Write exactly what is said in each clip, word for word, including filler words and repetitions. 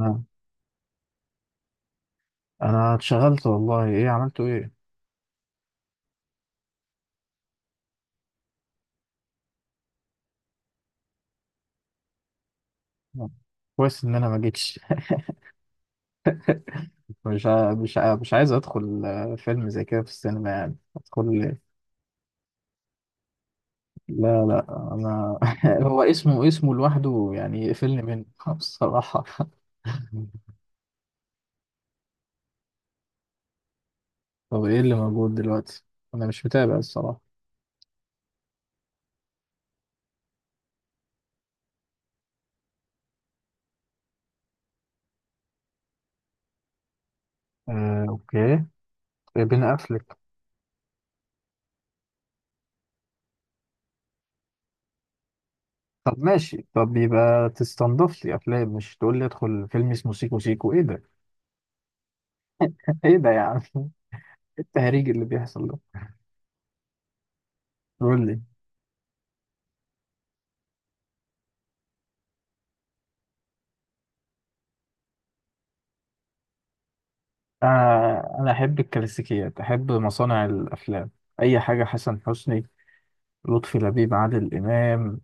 آه. انا اتشغلت والله، ايه عملته ايه؟ آه. كويس ان انا ما جيتش. مش ع- مش ع- مش عايز ادخل آه، فيلم زي كده في السينما، يعني ادخل ليه؟ لا، لا، انا هو اسمه اسمه لوحده، يعني قفلني منه بصراحة طب، ايه اللي موجود دلوقتي؟ انا مش متابع الصراحة. آه، اوكي. بين افلك. طب ماشي. طب يبقى تستنضف لي افلام، مش تقول لي ادخل فيلم اسمه سيكو سيكو، ايه ده؟ ايه ده يا عم، ايه؟ التهريج اللي بيحصل ده. قول لي. آه، أنا أحب الكلاسيكيات، أحب مصانع الأفلام، أي حاجة. حسن حسني، لطفي لبيب، عادل إمام،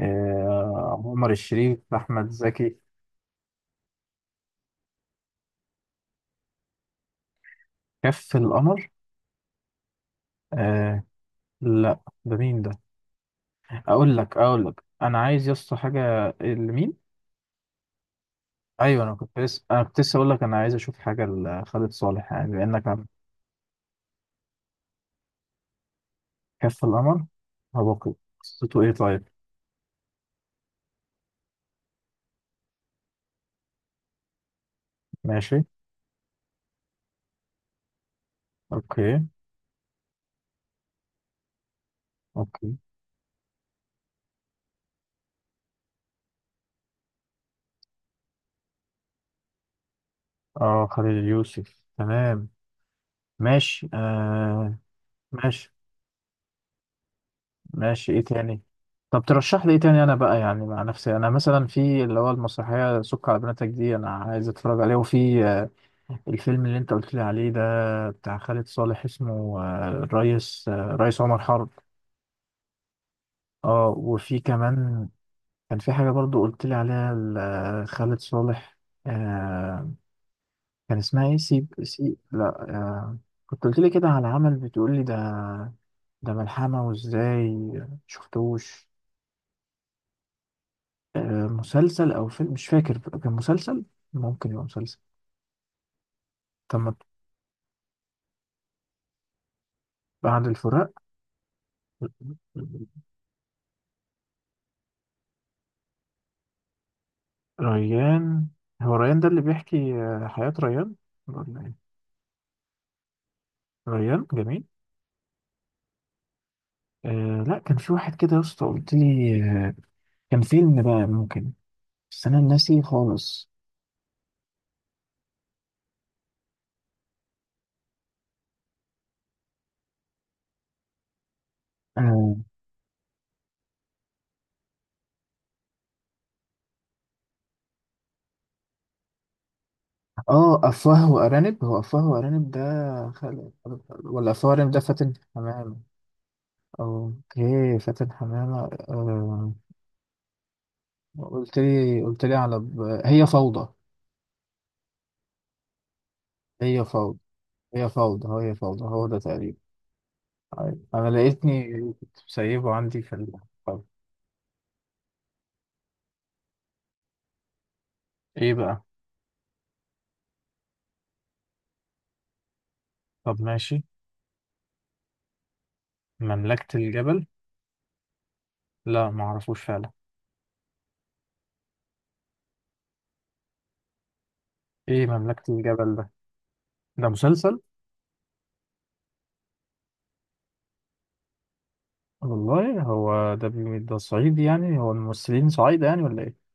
آه عمر الشريف، أحمد زكي. كف القمر. آه. لا، ده مين ده؟ أقول لك أقول لك. أنا عايز يا اسطى حاجة. لمين؟ أيوه. أنا كنت لسه أنا كنت لسه أقول لك أنا عايز أشوف حاجة لخالد صالح، يعني بما إنك عم. كف القمر. هبقى. قصته إيه؟ طيب. ماشي. أوكي، أوكي. أه، خالد يوسف، تمام. ماشي، آه. ماشي، ماشي. ايه تاني؟ طب ترشح لي ايه تاني؟ انا بقى يعني مع نفسي، انا مثلا في اللي هو المسرحيه سك على بناتك دي، انا عايز اتفرج عليه. وفي آه، الفيلم اللي انت قلت لي عليه ده، بتاع خالد صالح، اسمه آه، الريس آه، الريس عمر حرب. اه، وفي كمان كان في حاجه برضو قلت لي عليها ل- آه، خالد صالح. آه، كان اسمها ايه؟ سيب سيب، لا، آه، كنت قلت لي كده على عمل، بتقول لي ده، ده ملحمه. وازاي؟ شفتوش؟ آه، مسلسل او فيلم، مش فاكر، كان مسلسل. ممكن يبقى مسلسل. تم. بعد الفراق. ريان. هو ريان ده اللي بيحكي آه، حياة ريان، ولا إيه؟ ريان جميل. آه. لا، كان في واحد كده يا اسطى قلت لي. آه. كان فيلم بقى ممكن، بس انا ناسي خالص. اه. آه، افواه وارانب، هو افواه وارانب ده؟ خل... ولا افواه وارانب ده فاتن حمامة؟ اوكي، فاتن حمامة. آه. قلت لي قلت لي على ب- هي فوضى. هي فوضى، هي فوضى، هي فوضى، هو ده تقريبا. أيوة. انا لقيتني كنت مسيبه عندي في ال... طب ايه بقى؟ طب، ماشي. مملكة الجبل. لا، ما اعرفوش فعلا. ايه مملكة الجبل ده؟ ده مسلسل. والله هو ده بي... ده صعيدي، يعني هو الممثلين صعيدة يعني ولا ايه؟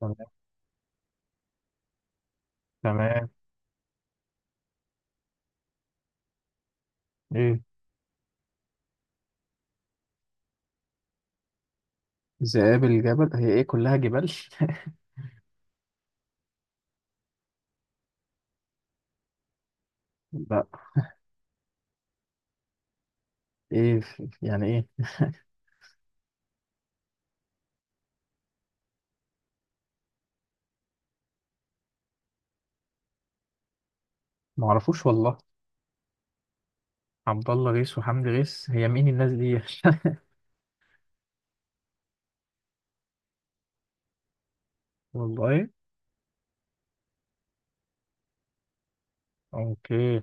تمام. تمام. ايه؟ ذئاب الجبل، هي ايه كلها جبال؟ لا. ايه؟ يعني ايه؟ ما اعرفوش والله. عبد الله غيث وحمدي غيث، هي مين الناس دي؟ والله. اوكي.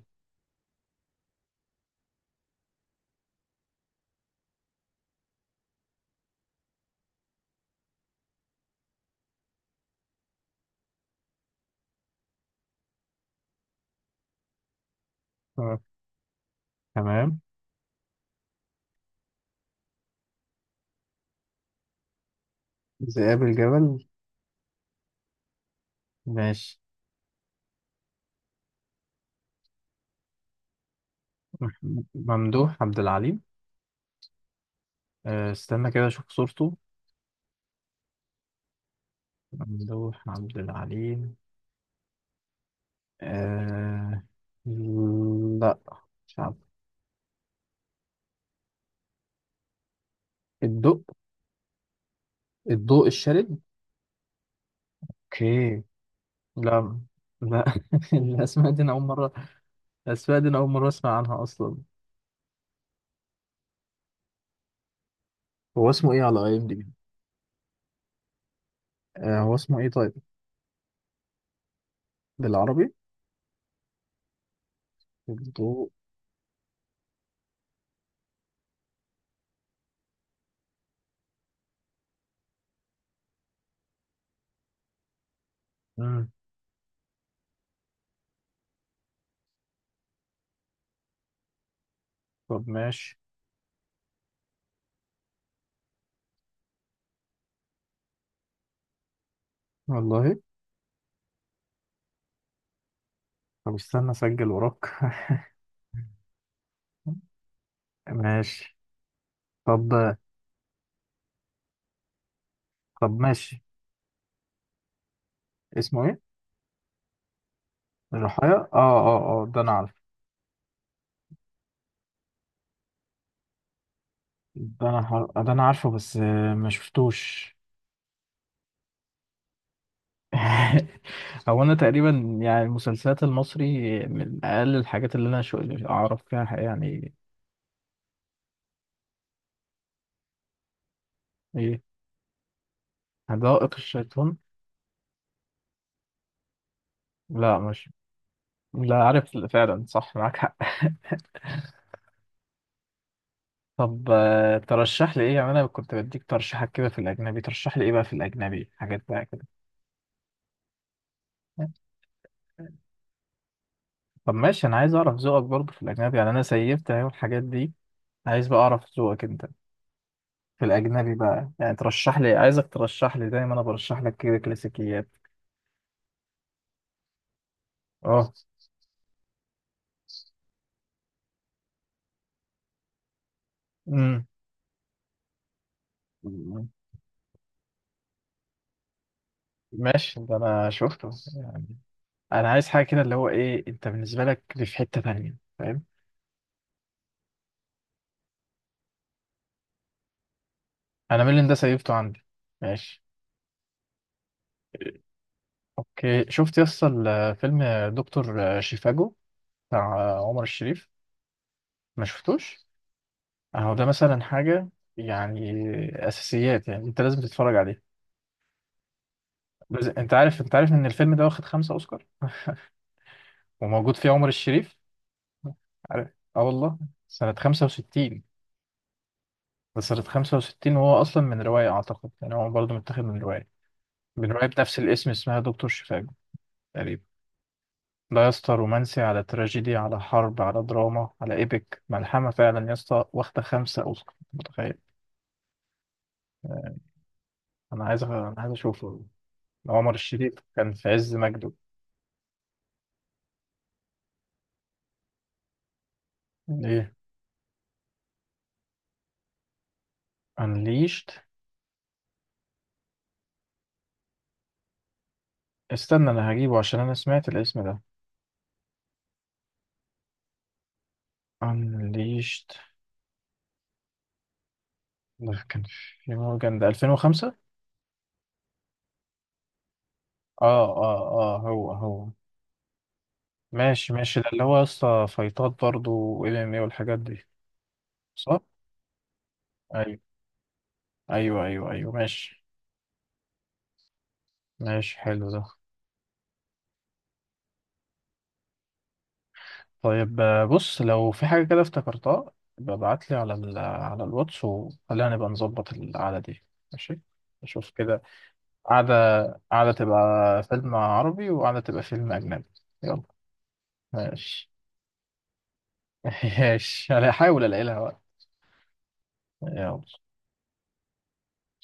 آه، تمام. ذئاب الجبل. ماشي. مح- ممدوح عبد العليم. أه، استنى كده اشوف صورته. ممدوح عبد العليم. أه. لا، مش عارف. الضوء. الضوء الشارد. اوكي. لا. لا الاسماء دي انا اول مره الاسماء دي انا اول مره اسمع عنها اصلا. هو اسمه ايه على اي ام دي بي؟ هو اسمه ايه طيب؟ بالعربي؟ الضوء. طب ماشي. والله. طب استنى اسجل وراك. ماشي. طب طب ماشي. اسمه ايه؟ الرحايا. اه، اه، اه، ده انا عارفه. ده انا ح- ده انا عارفه بس آه، ما شفتوش. هو انا تقريبا يعني المسلسلات المصري من اقل الحاجات اللي انا شو اعرف فيها ح- يعني. ايه؟ حدائق الشيطان. لا، مش. لا، عارف فعلا، صح، معاك حق. طب، آه، ترشح لي ايه يعني، انا كنت بديك ترشيحات كده في الاجنبي، ترشح لي ايه بقى في الاجنبي، حاجات بقى كده. طب ماشي. انا عايز اعرف ذوقك برضه في الاجنبي، يعني انا سيفت اهو الحاجات دي. عايز بقى اعرف ذوقك انت في الاجنبي بقى، يعني ترشح لي، عايزك ترشح لي دايما، انا برشح لك كده كلاسيكيات. اه. امم. ماشي، ده انا شفته، يعني. انا عايز حاجه كده، اللي هو ايه، انت بالنسبه لك دي في حته تانية، فاهم؟ انا ميلان ده سيفته عندي. ماشي. اوكي. شفت يسطا ال- فيلم دكتور شيفاجو بتاع عمر الشريف؟ ما شفتوش؟ اهو ده مثلا حاجه، يعني اساسيات، يعني انت لازم تتفرج عليه. لازم. انت عارف انت عارف ان الفيلم ده واخد خمسة اوسكار، وموجود فيه عمر الشريف. عارف. اه والله. سنه خمسة وستين. ده سنه خمسة وستين، وهو اصلا من روايه، اعتقد يعني هو برضه متاخد من روايه من روايه بنفس الاسم، اسمها دكتور شيفاجو تقريبا. لا يا اسطى، رومانسي على تراجيدي على حرب على دراما على ايبك، ملحمة فعلا يا اسطى، واخدة خمسة اوسكار، متخيل؟ آه، انا عايز أ- انا عايز اشوفه. عمر الشريف كان في عز مجده. ايه؟ انليشت. استنى انا هجيبه عشان انا سمعت الاسم ده. انليشت. ده كان في مورجان، ده ألفين وخمسة. اه، اه، اه، هو هو. ماشي ماشي، ده اللي هو يا اسطى فايتات برضه، وام ام اي والحاجات دي. صح. ايوه، ايوه، ايوه، ايوه، ماشي. ماشي، حلو ده. طيب. آه، بص، لو في حاجة كده افتكرتها ببعت لي على ال على الواتس، وخلينا نبقى نظبط القعدة دي. ماشي. نشوف كده. قعدة، قعدة تبقى فيلم عربي، وقعدة تبقى فيلم أجنبي. يلا. ماشي. ماشي، أنا هحاول ألاقي لها وقت. يلا.